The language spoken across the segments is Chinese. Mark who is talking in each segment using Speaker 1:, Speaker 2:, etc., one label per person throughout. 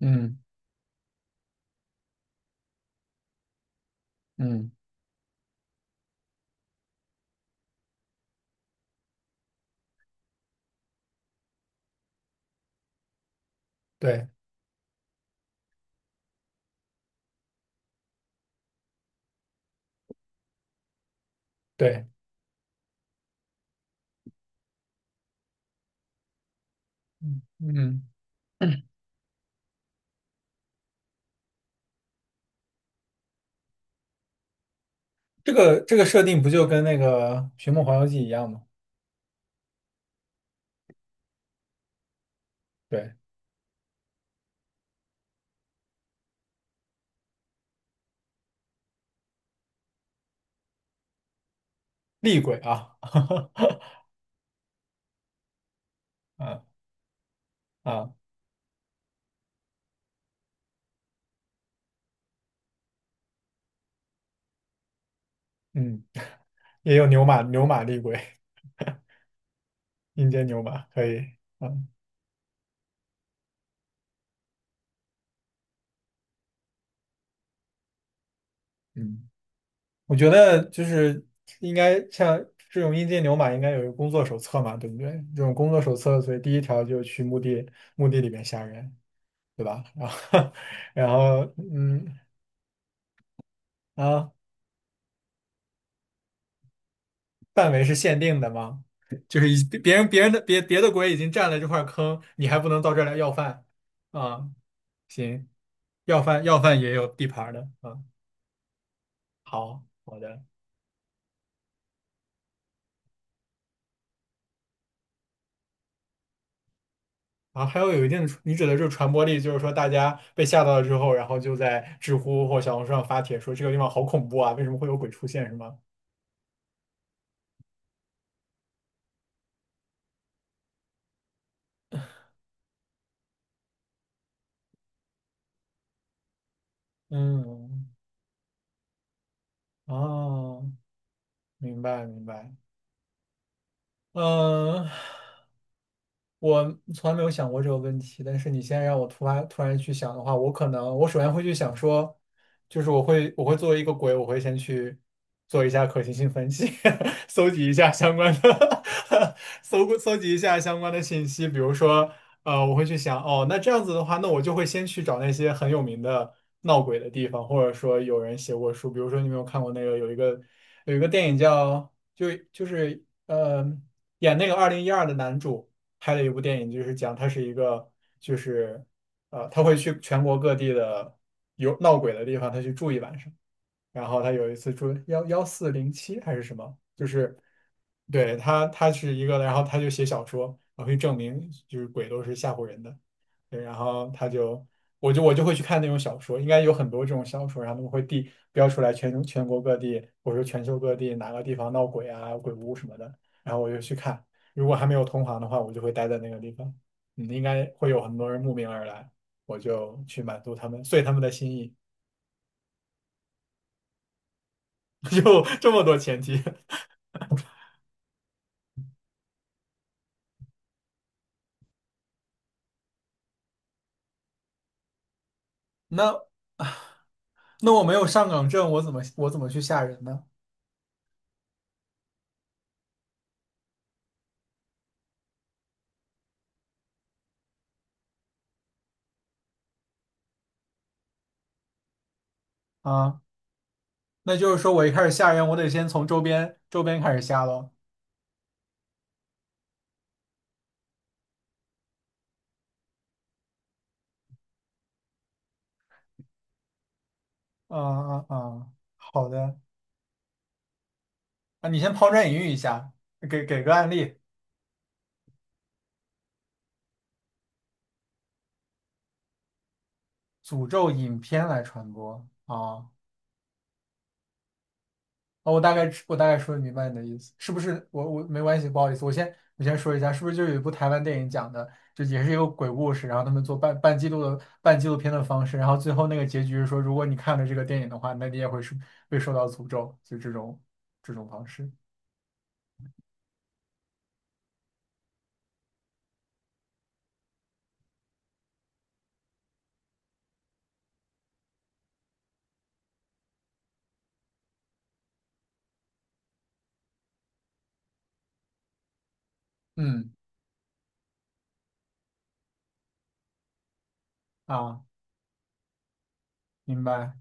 Speaker 1: 嗯嗯，对对，嗯嗯，这个设定不就跟那个《寻梦环游记》一样吗？对，厉鬼啊，啊啊，嗯，也有牛马厉鬼，阴间牛马可以，嗯嗯，我觉得就是应该像这种阴间牛马应该有一个工作手册嘛，对不对？这种工作手册，所以第一条就去墓地里面吓人，对吧？然后 然后啊。范围是限定的吗？就是已别人的别的国已经占了这块坑，你还不能到这儿来要饭啊？行，要饭也有地盘儿的啊。好，好的。然后还有一定的，你指的就是传播力，就是说大家被吓到了之后，然后就在知乎或小红书上发帖说这个地方好恐怖啊，为什么会有鬼出现，是吗？嗯，哦，明白明白。嗯，我从来没有想过这个问题，但是你现在让我突然去想的话，我可能我首先会去想说，就是我会作为一个鬼，我会先去做一下可行性分析，搜集一下相关的 搜集一下相关的信息，比如说我会去想哦，那这样子的话，那我就会先去找那些很有名的闹鬼的地方，或者说有人写过书，比如说你有没有看过那个有一个电影叫就是演那个2012的男主。拍了一部电影，就是讲他是一个，就是他会去全国各地的有闹鬼的地方，他去住一晚上。然后他有一次住11407还是什么，就是对，他是一个，然后他就写小说，然后去证明就是鬼都是吓唬人的。对，然后他就，我就会去看那种小说，应该有很多这种小说，然后他们会地标出来全国各地或者说全球各地哪个地方闹鬼啊、鬼屋什么的，然后我就去看。如果还没有同行的话，我就会待在那个地方，嗯，应该会有很多人慕名而来，我就去满足他们，遂他们的心意，就这么多前提。那 那我没有上岗证，我怎么去吓人呢？啊，那就是说我一开始吓人，我得先从周边开始吓喽。啊啊啊，好的。啊，你先抛砖引玉一下，给个案例，诅咒影片来传播。啊哦，我大概说明白你的意思，是不是？我没关系，不好意思，我先说一下，是不是就有一部台湾电影讲的，就也是一个鬼故事，然后他们做半记录的半纪录片的方式，然后最后那个结局是说，如果你看了这个电影的话，那你也会是被受到诅咒，就这种方式。嗯啊。明白。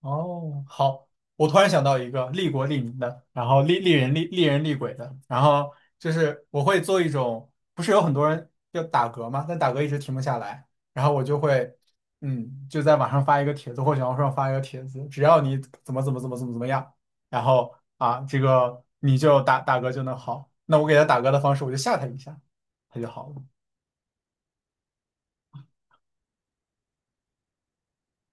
Speaker 1: 哦，好，我突然想到一个利国利民的，然后利人利人利鬼的，然后就是我会做一种，不是有很多人要打嗝吗？但打嗝一直停不下来，然后我就会，就在网上发一个帖子或小红书上发一个帖子，只要你怎么怎么怎么怎么怎么样，然后啊，这个你就打嗝就能好。那我给他打嗝的方式，我就吓他一下，他就好了。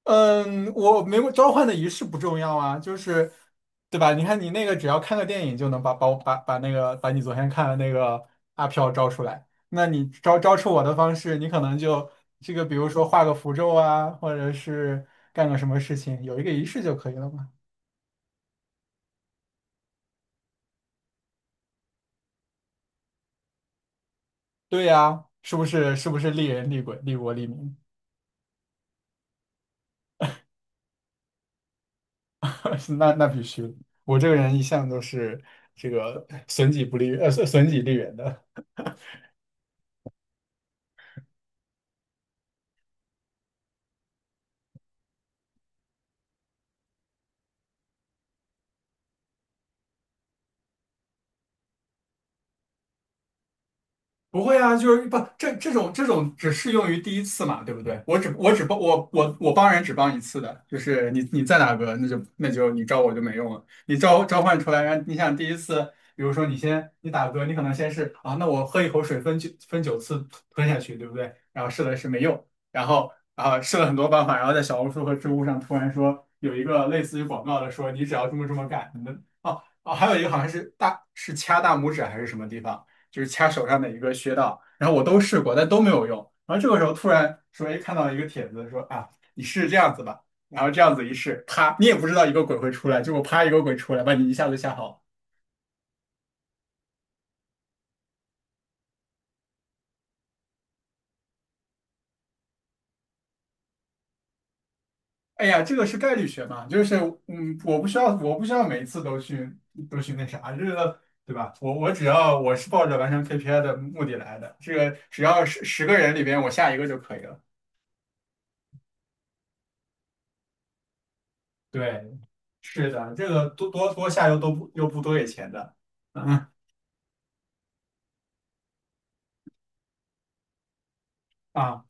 Speaker 1: 嗯，我没有召唤的仪式不重要啊，就是，对吧？你看你那个，只要看个电影就能把我把那个把你昨天看的那个阿飘招出来。那你招出我的方式，你可能就这个，比如说画个符咒啊，或者是干个什么事情，有一个仪式就可以了嘛。对呀，是不是？是不是利人利鬼利国利民？那必须的我这个人一向都是这个损己不利，损己利人的。不会啊，就是不这这种只适用于第一次嘛，对不对？我只我只帮我我我帮人只帮一次的，就是你在打个，那就你招我就没用了。你召唤出来，然后你想第一次，比如说你打嗝，你可能先是啊，那我喝一口水分9次吞下去，对不对？然后试了试没用，然后啊试了很多办法，然后在小红书和知乎上突然说有一个类似于广告的说，你只要这么干，你的哦哦，还有一个好像是掐大拇指还是什么地方。就是掐手上的一个穴道，然后我都试过，但都没有用。然后这个时候突然说，哎，看到一个帖子说啊，你试试这样子吧，然后这样子一试，啪，你也不知道一个鬼会出来，结果啪一个鬼出来，把你一下子吓跑了。哎呀，这个是概率学嘛，就是我不需要每一次都去那啥，这个对吧？我我只要我是抱着完成 KPI 的目的来的，这个只要十个人里边我下一个就可以了。对，是的，这个多下又不多给钱的，嗯啊。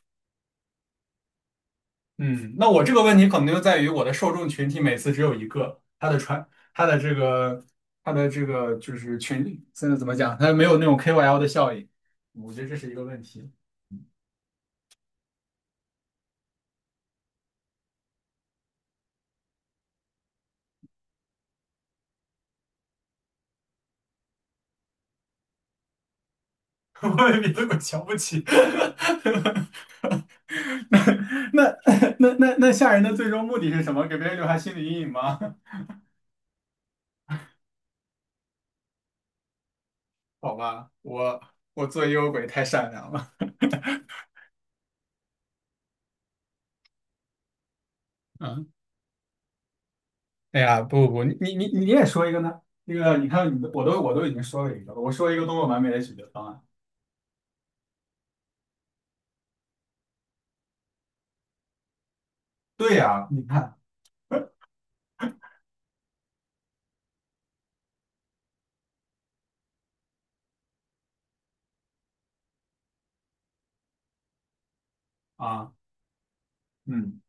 Speaker 1: 嗯，那我这个问题可能就在于我的受众群体每次只有一个，他的这个，他的这个就是群，现在怎么讲，他没有那种 KOL 的效应，我觉得这是一个问题。我也比这么瞧不起。那 那吓人的最终目的是什么？给别人留下心理阴影吗？好吧，我做幽鬼太善良了。嗯，哎呀，不不不，你也说一个呢？那个，你看你的，我都已经说了一个了，我说一个多么完美的解决方案。对呀，你看，啊，嗯，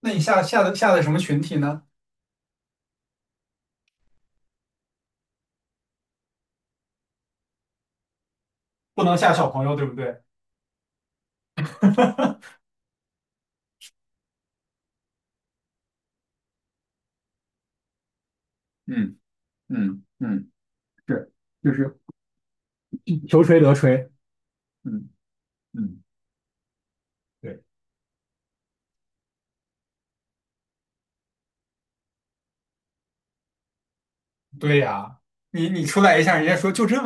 Speaker 1: 那你下的什么群体呢？不能下小朋友，对不对？嗯嗯嗯，是，就是求锤得锤，嗯嗯。对对呀，你出来一下，人家说就这，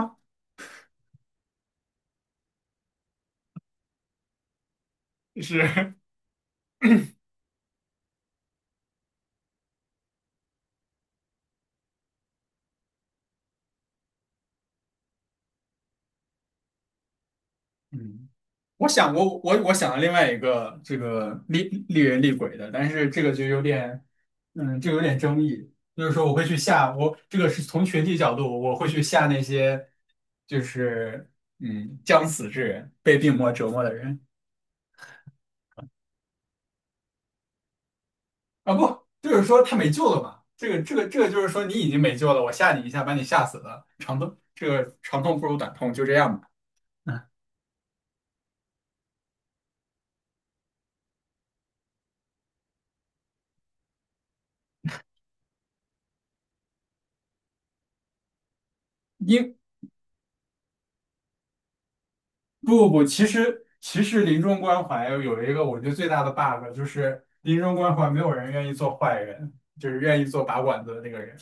Speaker 1: 是。嗯。我想过，我想了另外一个这个厉人厉鬼的，但是这个就有点，就有点争议。就是说，我会去吓我这个是从群体角度，我会去吓那些就是将死之人，被病魔折磨的人啊，不，就是说他没救了嘛。这个就是说你已经没救了，我吓你一下，把你吓死了，长痛不如短痛，就这样吧。嗯，因不不不，其实临终关怀有一个我觉得最大的 bug 就是临终关怀没有人愿意做坏人，就是愿意做拔管子的那个人。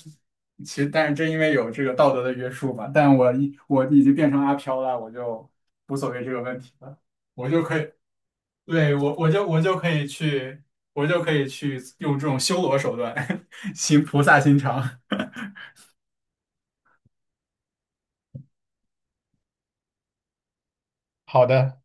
Speaker 1: 其实，但是正因为有这个道德的约束吧，但我已经变成阿飘了，我就无所谓这个问题了，我就可以，对，我就可以去，我就可以去用这种修罗手段 行菩萨心肠。好的。